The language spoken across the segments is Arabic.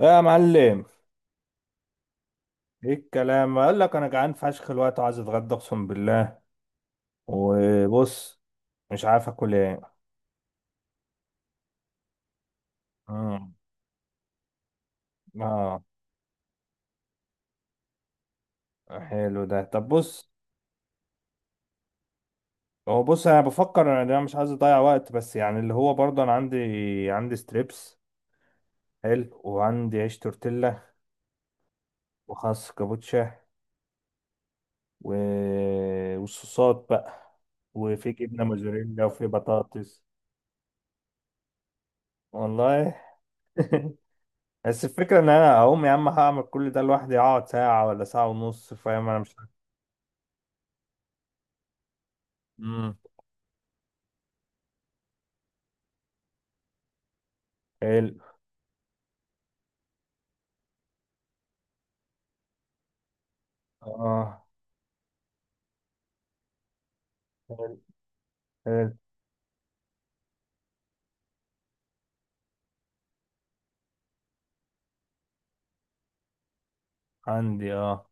يا معلم، ايه الكلام؟ اقول لك انا جعان فشخ الوقت وعايز اتغدى اقسم بالله. وبص، مش عارف اكل ايه. امم. اه، حلو ده. طب بص، هو بص انا بفكر، أنا مش عايز اضيع وقت، بس يعني اللي هو برضه انا عندي ستريبس. حلو. وعندي عيش تورتيلا، وخس كابوتشا و... والصوصات بقى، وفي جبنه موزاريلا، وفي بطاطس. والله. بس الفكرة ان انا اقوم يا عم هعمل كل ده لوحدي، اقعد ساعة ولا ساعة ونص، فاهم؟ انا مش... امم. حلو. اه. حلو، حلو. عندي، اه.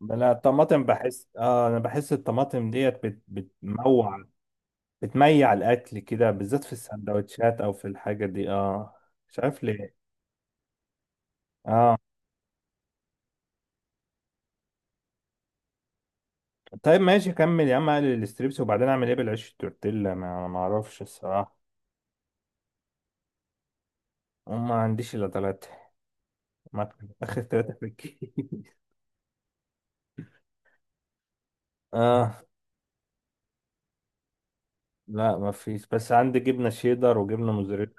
لا، الطماطم بحس، اه، انا بحس الطماطم ديت بتموع، بتميع الاكل كده، بالذات في السندوتشات او في الحاجة دي، اه. مش عارف ليه. اه، طيب ماشي كمل يا عم. اقلل الستريبس، وبعدين اعمل ايه بالعيش التورتيلا؟ ما انا ما اعرفش الصراحة. وما عنديش الا ثلاثة. ما اخر ثلاثة في الكيس. اه. لا ما فيش، بس عندي جبنه شيدر وجبنه موزاريلا.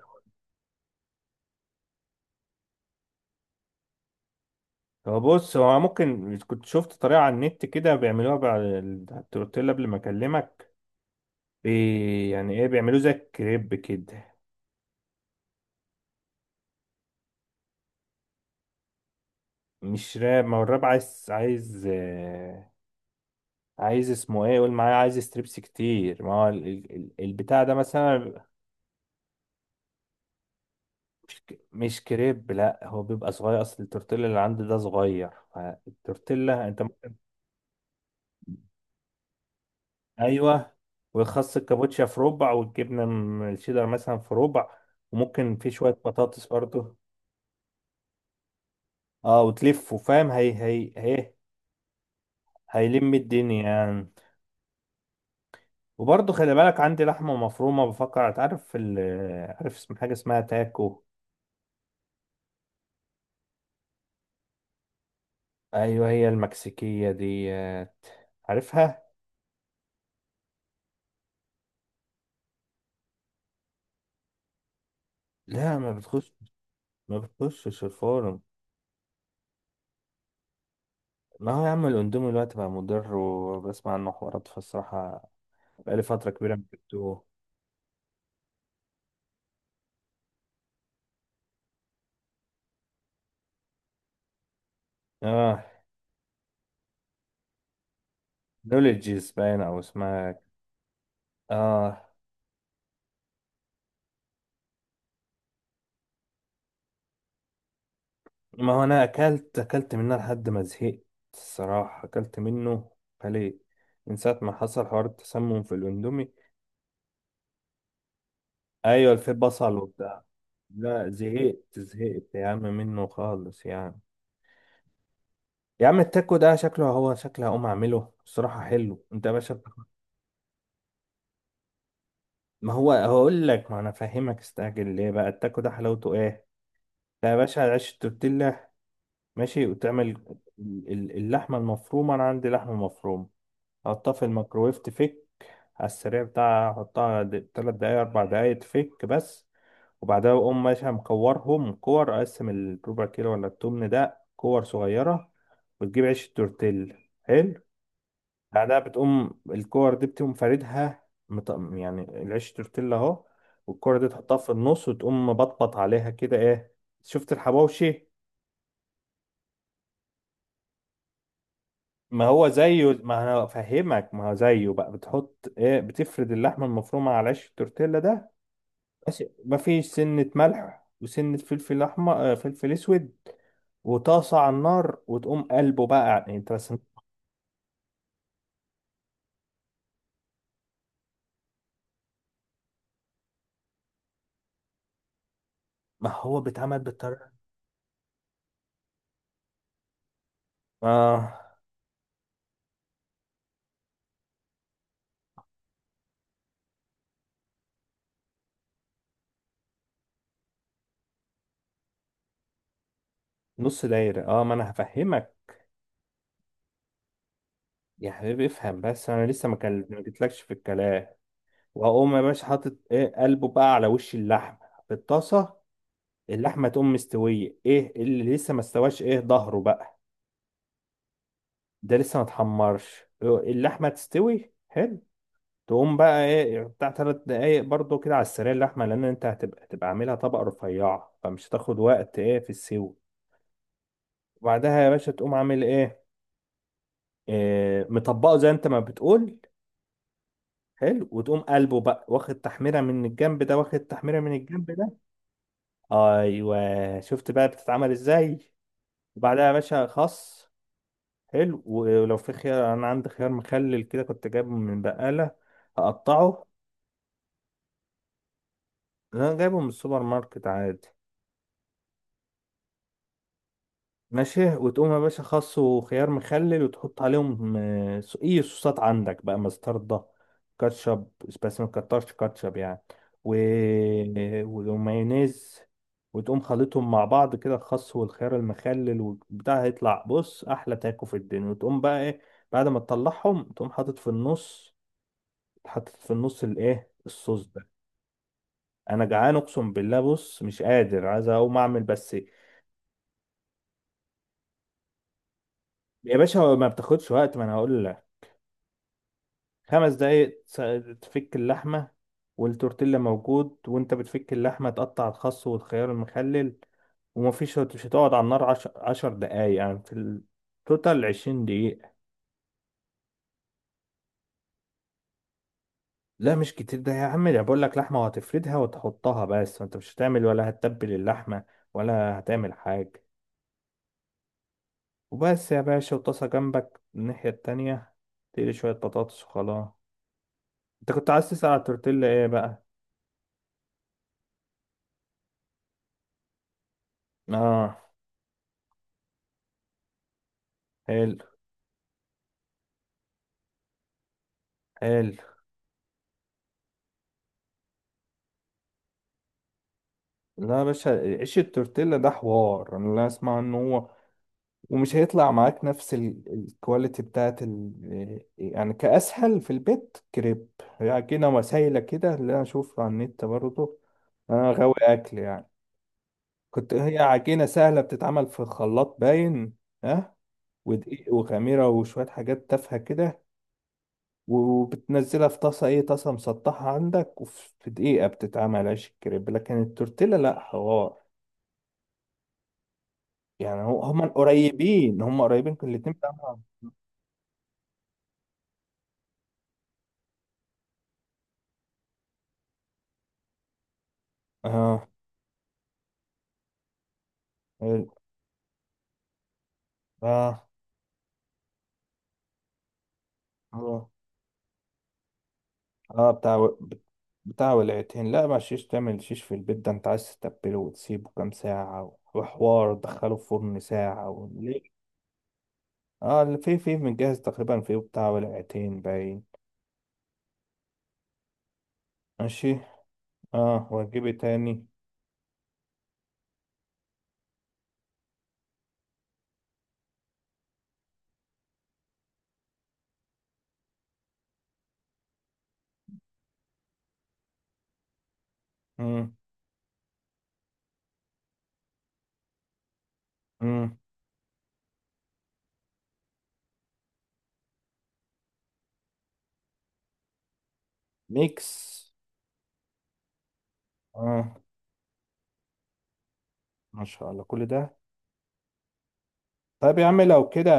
هو بص، هو ممكن كنت شفت طريقه على النت كده بيعملوها بعد التورتيلا قبل ما اكلمك. يعني ايه، بيعملوه زي الكريب كده. مش راب، ما هو الراب عايز، عايز اسمه ايه؟ قول معايا. عايز ستريبس كتير، ما هو البتاع ده مثلا بيبقى... مش كريب، لا هو بيبقى صغير، اصل التورتيلا اللي عندي ده صغير، فالتورتيلا انت... ايوه. ويخص الكابوتشا في ربع، والجبنه الشيدر مثلا في ربع. وممكن في شويه بطاطس برضه. اه، وتلفه فاهم، هي هي هي هيلم الدنيا يعني. وبرضه خلي بالك، عندي لحمه مفرومه، بفكر. تعرف ال... عارف اسم حاجه اسمها تاكو؟ ايوه، هي المكسيكيه ديت، عارفها. لا، ما بتخش، ما بتخشش الفرن. ما هو يا عم الاندومي دلوقتي بقى مضر، وبسمع عنه حوارات، فالصراحه بقالي فتره كبيره ما جبتوه. اه، نولجيز باين او اسمها. اه، ما هو انا اكلت اكلت منها لحد ما زهقت. الصراحه اكلت منه، عليه، من ساعه ما حصل حوار التسمم في الاندومي. ايوه، الفي بصل وبتاع. لا، زهقت زهقت يا عم منه خالص يعني. يا عم التاكو ده شكله، هو شكله هقوم اعمله الصراحه. حلو، انت يا باشا بتاخد- ما هو هقول لك، ما انا فاهمك. استعجل ليه بقى؟ التاكو ده حلاوته ايه. ده يا باشا عيش تورتيلا، ماشي، وتعمل اللحمه المفرومه. انا عندي لحمه مفرومه، حطها في الميكروويف تفك، على السريع بتاعها. حطها 3 دقايق، 4 دقايق، تفك بس. وبعدها أقوم ماشي مكورهم كور، أقسم الربع كيلو ولا التمن ده كور صغيرة، وتجيب عيش التورتيل. حلو. بعدها بتقوم الكور دي بتقوم فاردها، يعني العيش التورتيل أهو، والكورة دي تحطها في النص، وتقوم بطبط عليها كده. إيه، شفت الحواوشي؟ ما هو زيه، ما انا افهمك، ما هو زيه بقى. بتحط ايه؟ بتفرد اللحمه المفرومه على عيش التورتيلا ده، ماشي؟ مفيش سنة ملح وسنة فلفل أحمر، آه، فلفل أسود. وطاسة على النار، وتقوم قلبه بقى، يعني أنت بس. ما هو بيتعمل بالطريقة. آه، نص دايرة. آه، ما أنا هفهمك يا حبيبي، افهم بس، أنا لسه ما ما جيتلكش في الكلام. وأقوم يا باشا حاطط إيه، قلبه بقى على وش اللحمة في الطاسة. اللحمة تقوم مستوية، إيه اللي لسه ما استواش؟ إيه، ظهره بقى ده لسه ما اتحمرش، آه، اللحمة تستوي. حلو. تقوم بقى ايه، يعني بتاع 3 دقايق برضو كده على السريع اللحمة، لأن أنت هتبقى عاملها طبقة رفيعة، فمش هتاخد وقت، ايه، في السوى. وبعدها يا باشا تقوم عامل ايه، إيه، مطبقه زي أنت ما بتقول. حلو. وتقوم قلبه بقى، واخد تحميرة من الجنب ده، واخد تحميرة من الجنب ده. أيوه، شفت بقى بتتعمل ازاي؟ وبعدها يا باشا خس. حلو، ولو في خيار، أنا عندي خيار مخلل كده كنت جايبه من بقالة، هقطعه. أنا جايبه من السوبر ماركت عادي. ماشي، وتقوم يا باشا خس وخيار مخلل، وتحط عليهم، آه، اي صوصات عندك بقى، مستردة، كاتشب، بس ما تكترش كاتشب يعني، و... ومايونيز. وتقوم خلطهم مع بعض كده، الخس والخيار المخلل والبتاع، هيطلع بص احلى تاكو في الدنيا. وتقوم بقى ايه بعد ما تطلعهم، تقوم حاطط في النص. الايه، الصوص ده. انا جعان اقسم بالله، بص مش قادر، عايز اقوم اعمل بس. يا باشا، ما بتاخدش وقت، ما انا هقول لك. 5 دقايق تفك اللحمة، والتورتيلا موجود. وانت بتفك اللحمة، تقطع الخس والخيار المخلل. ومفيش، مش هتقعد على النار 10 دقايق يعني. في التوتال 20 دقيقة. لا، مش كتير ده يا عم، ده بقول لك لحمة وهتفردها وتحطها بس، انت مش هتعمل ولا هتتبل اللحمة، ولا هتعمل حاجة. وبس يا باشا، وطاسة جنبك الناحية التانية، تقلي شوية بطاطس، وخلاص. انت كنت عايز تسأل على التورتيلا ايه بقى؟ اه. حلو، حلو. لا يا باشا، عيش التورتيلا ده حوار، انا لا اسمع ان هو ومش هيطلع معاك نفس الكواليتي بتاعت ال... آه، يعني كاسهل في البيت كريب، يعني كده. وسايله كده اللي انا اشوفها على النت برضه، انا غاوي اكل يعني. كنت هي عجينه سهله، بتتعمل في الخلاط باين. ها. ودقيق وخميره وشويه حاجات تافهه كده، وبتنزلها في طاسه، ايه، طاسه مسطحه عندك، وفي دقيقه بتتعمل عيش الكريب. لكن التورتيلا لا حوار يعني. هو هم قريبين، هم قريبين، كل الاتنين بتاع بعض. اه، ال- اه اه اه بتاع، بتاع ولعتين. لا، ما شيش، تعمل شيش في البيت ده؟ انت عايز تتبله وتسيبه كام ساعة، وحوار تدخله في فرن ساعة و... ليه؟ اه، اللي في متجهز تقريبا في بتاع ولعتين باين. ماشي. اه، واجيبه تاني. مم. مم. ميكس. اه، ما شاء الله كل ده. طيب يا عم لو كده،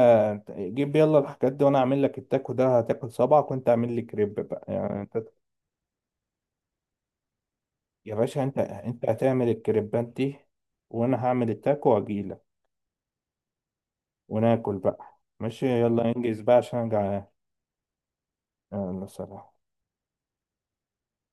جيب يلا الحاجات دي وانا اعمل لك التاكو ده هتاكل صبعك. وانت اعمل لي كريب بقى، يعني انت يا باشا، انت هتعمل الكريبات دي، وانا هعمل التاكو واجيلك، وناكل بقى. ماشي، يلا انجز بقى عشان انا جعان. يلا سلام.